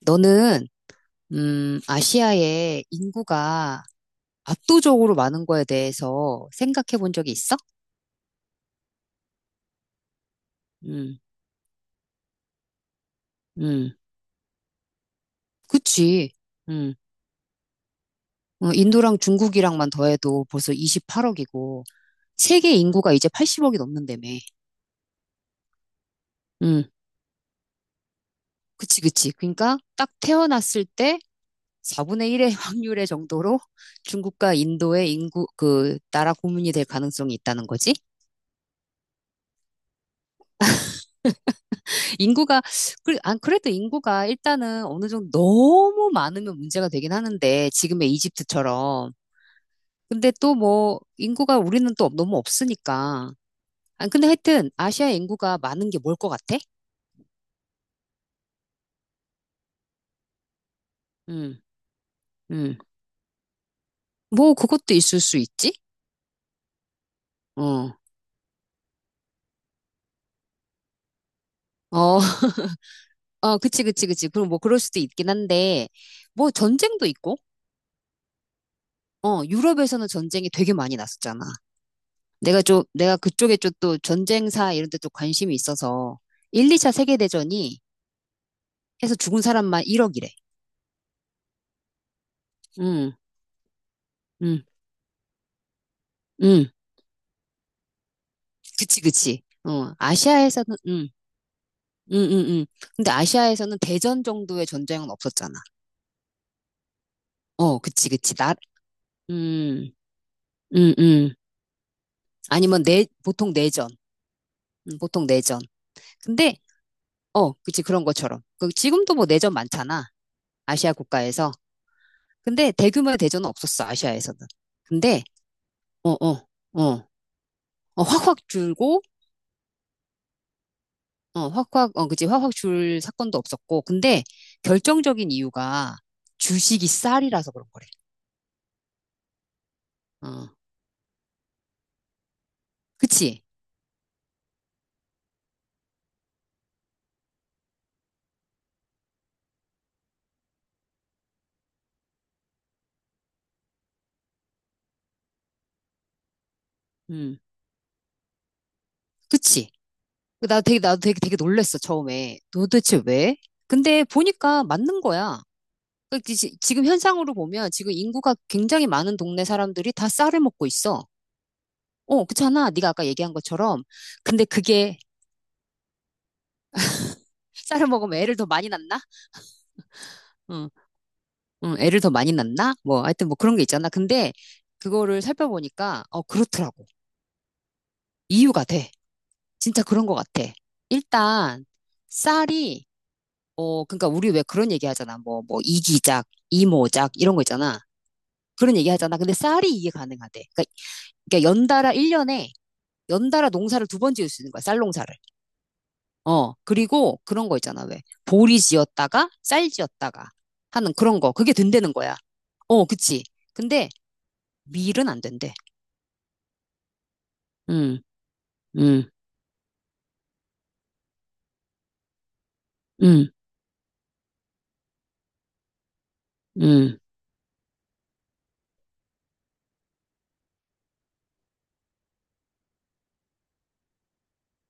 너는, 아시아의 인구가 압도적으로 많은 거에 대해서 생각해 본 적이 있어? 음, 음. 그치. 음, 인도랑 중국이랑만 더해도 벌써 28억이고, 세계 인구가 이제 80억이 넘는다며. 음. 그치, 그치. 그러니까 딱 태어났을 때 4분의 1의 확률의 정도로 중국과 인도의 인구, 나라 고민이 될 가능성이 있다는 거지? 인구가, 그래도 인구가 일단은 어느 정도 너무 많으면 문제가 되긴 하는데, 지금의 이집트처럼. 근데 또 뭐, 인구가 우리는 또 너무 없으니까. 아, 근데 하여튼, 아시아 인구가 많은 게 뭘 것 같아? 음, 음. 뭐, 그것도 있을 수 있지? 어, 어. 어, 그치, 그치, 그치. 그럼 뭐, 그럴 수도 있긴 한데, 뭐, 전쟁도 있고, 유럽에서는 전쟁이 되게 많이 났었잖아. 내가 그쪽에 좀 또 전쟁사 이런 데 또 관심이 있어서, 1, 2차 세계대전이 해서 죽은 사람만 1억이래. 응, 응, 응. 그치, 그치. 어, 아시아에서는, 응, 응, 응, 응. 근데 아시아에서는 대전 정도의 전쟁은 없었잖아. 어, 그치, 그치. 음, 음, 음. 아니면 보통 내전. 보통 내전. 근데, 그치, 그런 것처럼. 지금도 뭐 내전 많잖아. 아시아 국가에서. 근데 대규모의 대전은 없었어, 아시아에서는. 근데, 어, 어, 어, 어, 확확 줄고, 그지. 확확 줄 사건도 없었고. 근데 결정적인 이유가 주식이 쌀이라서 그런 거래. 어, 그치. 음, 그치. 나도 되게, 되게 놀랬어, 처음에. 도대체 왜? 근데 보니까 맞는 거야. 지금 현상으로 보면 지금 인구가 굉장히 많은 동네 사람들이 다 쌀을 먹고 있어. 어, 그렇잖아. 네가 아까 얘기한 것처럼. 근데 그게 쌀을 먹으면 애를 더 많이 낳나? 어, 응, 애를 더 많이 낳나? 뭐, 하여튼 뭐 그런 게 있잖아. 근데 그거를 살펴보니까, 그렇더라고. 이유가 돼. 진짜 그런 것 같아. 일단, 쌀이, 그러니까 우리 왜 그런 얘기 하잖아. 뭐, 이기작, 이모작, 이런 거 있잖아. 그런 얘기 하잖아. 근데 쌀이 이게 가능하대. 그러니까 연달아 농사를 두 번 지을 수 있는 거야. 쌀 농사를. 어, 그리고 그런 거 있잖아. 왜? 보리 지었다가, 쌀 지었다가 하는 그런 거. 그게 된다는 거야. 어, 그치. 근데 밀은 안 된대. 음, 음, 음, 음,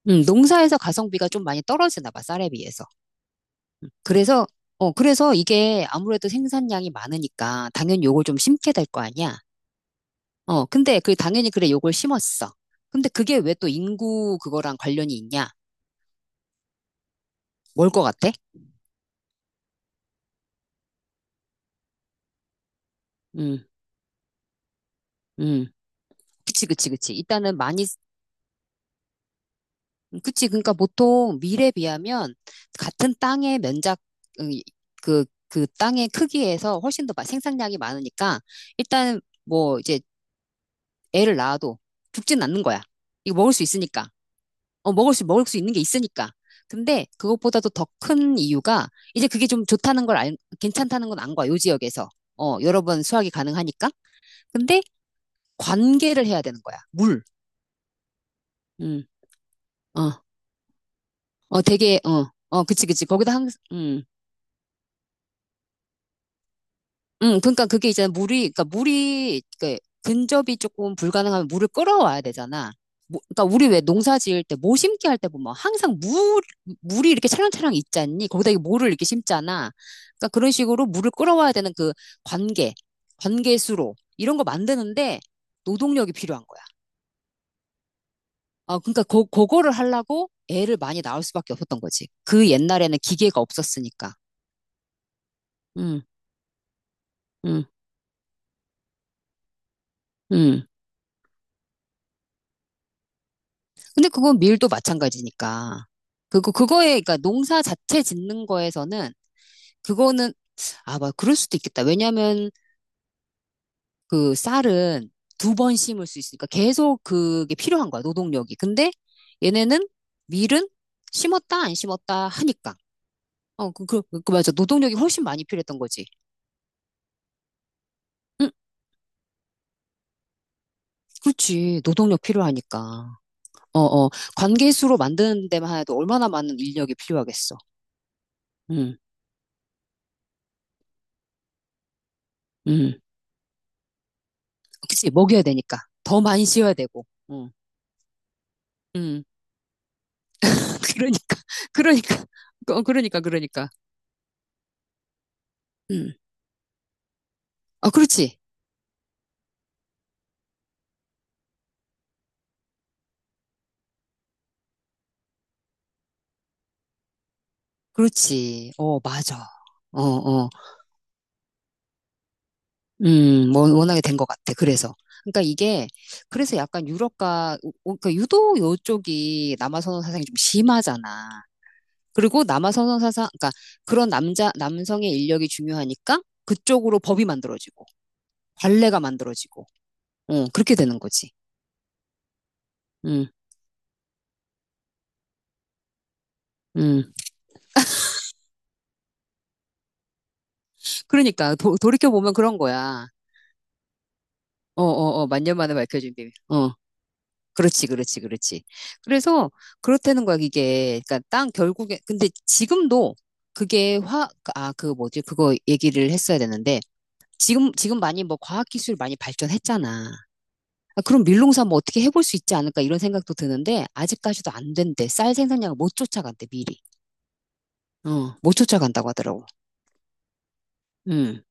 농사에서 가성비가 좀 많이 떨어지나 봐, 쌀에 비해서. 그래서, 그래서 이게 아무래도 생산량이 많으니까 당연히 요걸 좀 심게 될 거 아니야. 근데 당연히 그래, 요걸 심었어. 근데 그게 왜 또 인구 그거랑 관련이 있냐? 뭘 것 같아? 음, 음. 그치, 그치, 그치. 일단은 많이, 그치. 그러니까 보통 밀에 비하면 같은 땅의 면적, 음, 그 땅의 크기에서 훨씬 더 생산량이 많으니까 일단 뭐 이제 애를 낳아도 죽지는 않는 거야. 이거 먹을 수 있으니까. 먹을 수 있는 게 있으니까. 근데 그것보다도 더 큰 이유가 이제 그게 좀 좋다는 걸 괜찮다는 건 안 거야. 요 지역에서. 여러 번 수확이 가능하니까. 근데 관계를 해야 되는 거야. 물. 음, 어, 그치, 그치. 거기다 항상, 그러니까 그게 이제 물이, 근접이 조금 불가능하면 물을 끌어와야 되잖아. 뭐, 그러니까 우리 왜 농사 지을 때, 모 심기 할 때 보면 항상 물이 이렇게 차량차량 있잖니? 거기다 이 모를 이렇게 심잖아. 그러니까 그런 식으로 물을 끌어와야 되는 그 관계, 관계수로, 이런 거 만드는데 노동력이 필요한 거야. 아, 그러니까 그거를 하려고 애를 많이 낳을 수밖에 없었던 거지. 그 옛날에는 기계가 없었으니까. 음, 음, 음. 근데 그건 밀도 마찬가지니까. 그러니까 농사 자체 짓는 거에서는, 그거는, 막, 그럴 수도 있겠다. 왜냐면, 그 쌀은 두 번 심을 수 있으니까 계속 그게 필요한 거야, 노동력이. 근데 얘네는 밀은 심었다, 안 심었다 하니까. 어, 맞아. 노동력이 훨씬 많이 필요했던 거지. 응, 그렇지. 노동력 필요하니까. 어, 어. 관계수로 만드는 데만 해도 얼마나 많은 인력이 필요하겠어. 응, 응. 그치, 먹여야 되니까. 더 많이 씌워야 되고. 응. 응. 그러니까, 그러니까, 그러니까. 응. 아, 그렇지. 그렇지. 어, 맞아. 어, 어. 뭐, 워낙에 된 것 같아. 그래서. 그러니까 이게, 그래서 약간 그러니까 유독 요쪽이 남아선호 사상이 좀 심하잖아. 그리고 남아선호 사상, 그러니까 그런 남성의 인력이 중요하니까 그쪽으로 법이 만들어지고, 관례가 만들어지고, 그렇게 되는 거지. 음, 음. 그러니까 돌이켜보면 그런 거야. 어, 어, 어, 만년 만에 밝혀진 비밀. 어, 그렇지, 그렇지, 그렇지. 그래서 그렇다는 거야, 이게. 그러니까 땅 결국에 근데 지금도 그게 그 뭐지? 그거 얘기를 했어야 되는데 지금 많이 뭐 과학 기술 많이 발전했잖아. 아, 그럼 밀농사 뭐 어떻게 해볼 수 있지 않을까 이런 생각도 드는데 아직까지도 안 된대. 쌀 생산량을 못 쫓아간대 미리. 못 쫓아간다고 하더라고. 음,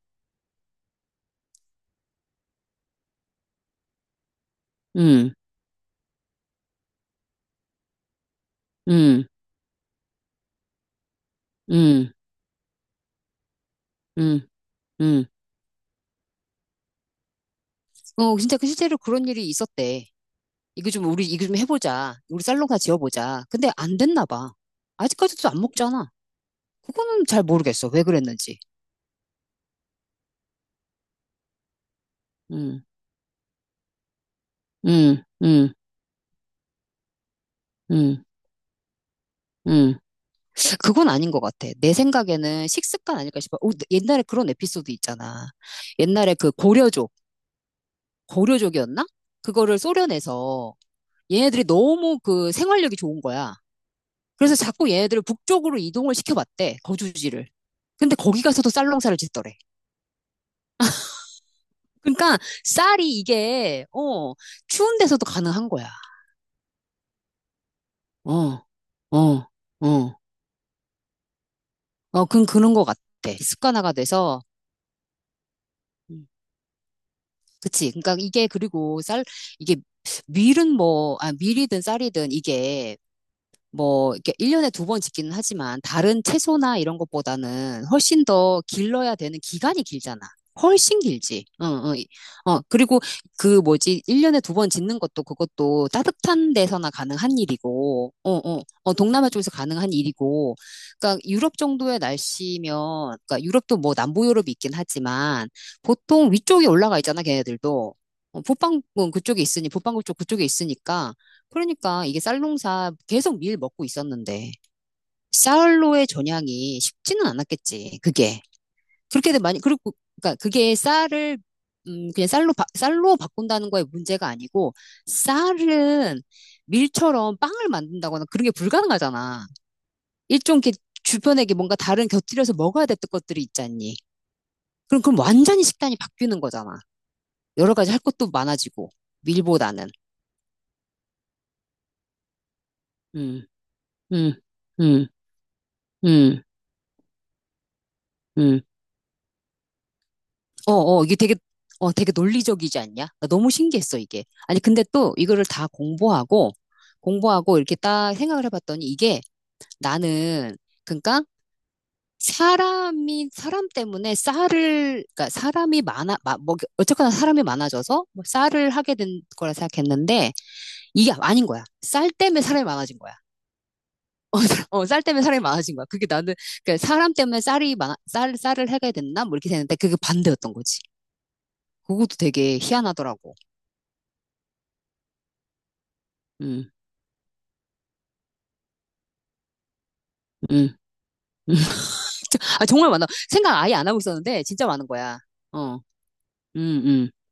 음, 음, 음, 음, 음. 진짜 실제로 그런 일이 있었대. 이거 좀 해보자. 우리 살롱 다 지어보자. 근데 안 됐나 봐. 아직까지도 안 먹잖아. 그거는 잘 모르겠어. 왜 그랬는지. 음, 음, 음, 음, 음. 그건 아닌 것 같아. 내 생각에는 식습관 아닐까 싶어. 옛날에 그런 에피소드 있잖아. 옛날에 그 고려족이었나? 그거를 소련에서 얘네들이 너무 생활력이 좋은 거야. 그래서 자꾸 얘네들을 북쪽으로 이동을 시켜봤대. 거주지를. 근데 거기 가서도 쌀농사를 짓더래. 그러니까 쌀이 이게 추운 데서도 가능한 거야. 어, 어, 어, 어, 그런 것 같아. 습관화가 돼서, 음, 그치. 그러니까 이게 그리고 쌀 이게 밀은 뭐, 밀이든 쌀이든 이게 뭐, 이렇게 1년에 두 번 짓기는 하지만 다른 채소나 이런 것보다는 훨씬 더 길러야 되는 기간이 길잖아. 훨씬 길지. 응, 응. 어, 어, 어, 그리고 그 뭐지, 1년에 두 번 짓는 것도 그것도 따뜻한 데서나 가능한 일이고, 동남아 쪽에서 가능한 일이고, 그러니까 유럽 정도의 날씨면, 그러니까 유럽도 뭐 남부 유럽이 있긴 하지만, 보통 위쪽에 올라가 있잖아, 걔네들도. 북방구 쪽 그쪽에 있으니까, 그러니까 이게 쌀농사 계속 밀 먹고 있었는데 쌀로의 전향이 쉽지는 않았겠지. 그게 그렇게 많이 그리고 그러니까 그게 쌀을 그냥 쌀로 바꾼다는 거에 문제가 아니고 쌀은 밀처럼 빵을 만든다거나 그런 게 불가능하잖아. 일종 이렇게 주변에 이게 뭔가 다른 곁들여서 먹어야 했던 것들이 있잖니. 그럼 완전히 식단이 바뀌는 거잖아. 여러 가지 할 것도 많아지고 밀보다는. 음, 음, 음, 음, 음. 어, 어, 이게 되게 논리적이지 않냐? 나 너무 신기했어, 이게. 아니, 근데 또 이거를 다 공부하고, 공부하고 이렇게 딱 생각을 해봤더니 이게 나는, 그러니까 사람 때문에 쌀을, 그러니까 사람이 많아, 마, 뭐, 어쨌거나 사람이 많아져서 뭐 쌀을 하게 된 거라 생각했는데 이게 아닌 거야. 쌀 때문에 사람이 많아진 거야. 어, 쌀 때문에 사람이 많아진 거야. 그게 나는, 그러니까 사람 때문에 쌀을 해게 됐나? 뭐 이렇게 됐는데 그게 반대였던 거지. 그것도 되게 희한하더라고. 음. 음. 음. 아, 정말 많아. 생각 아예 안 하고 있었는데, 진짜 많은 거야. 어, 음.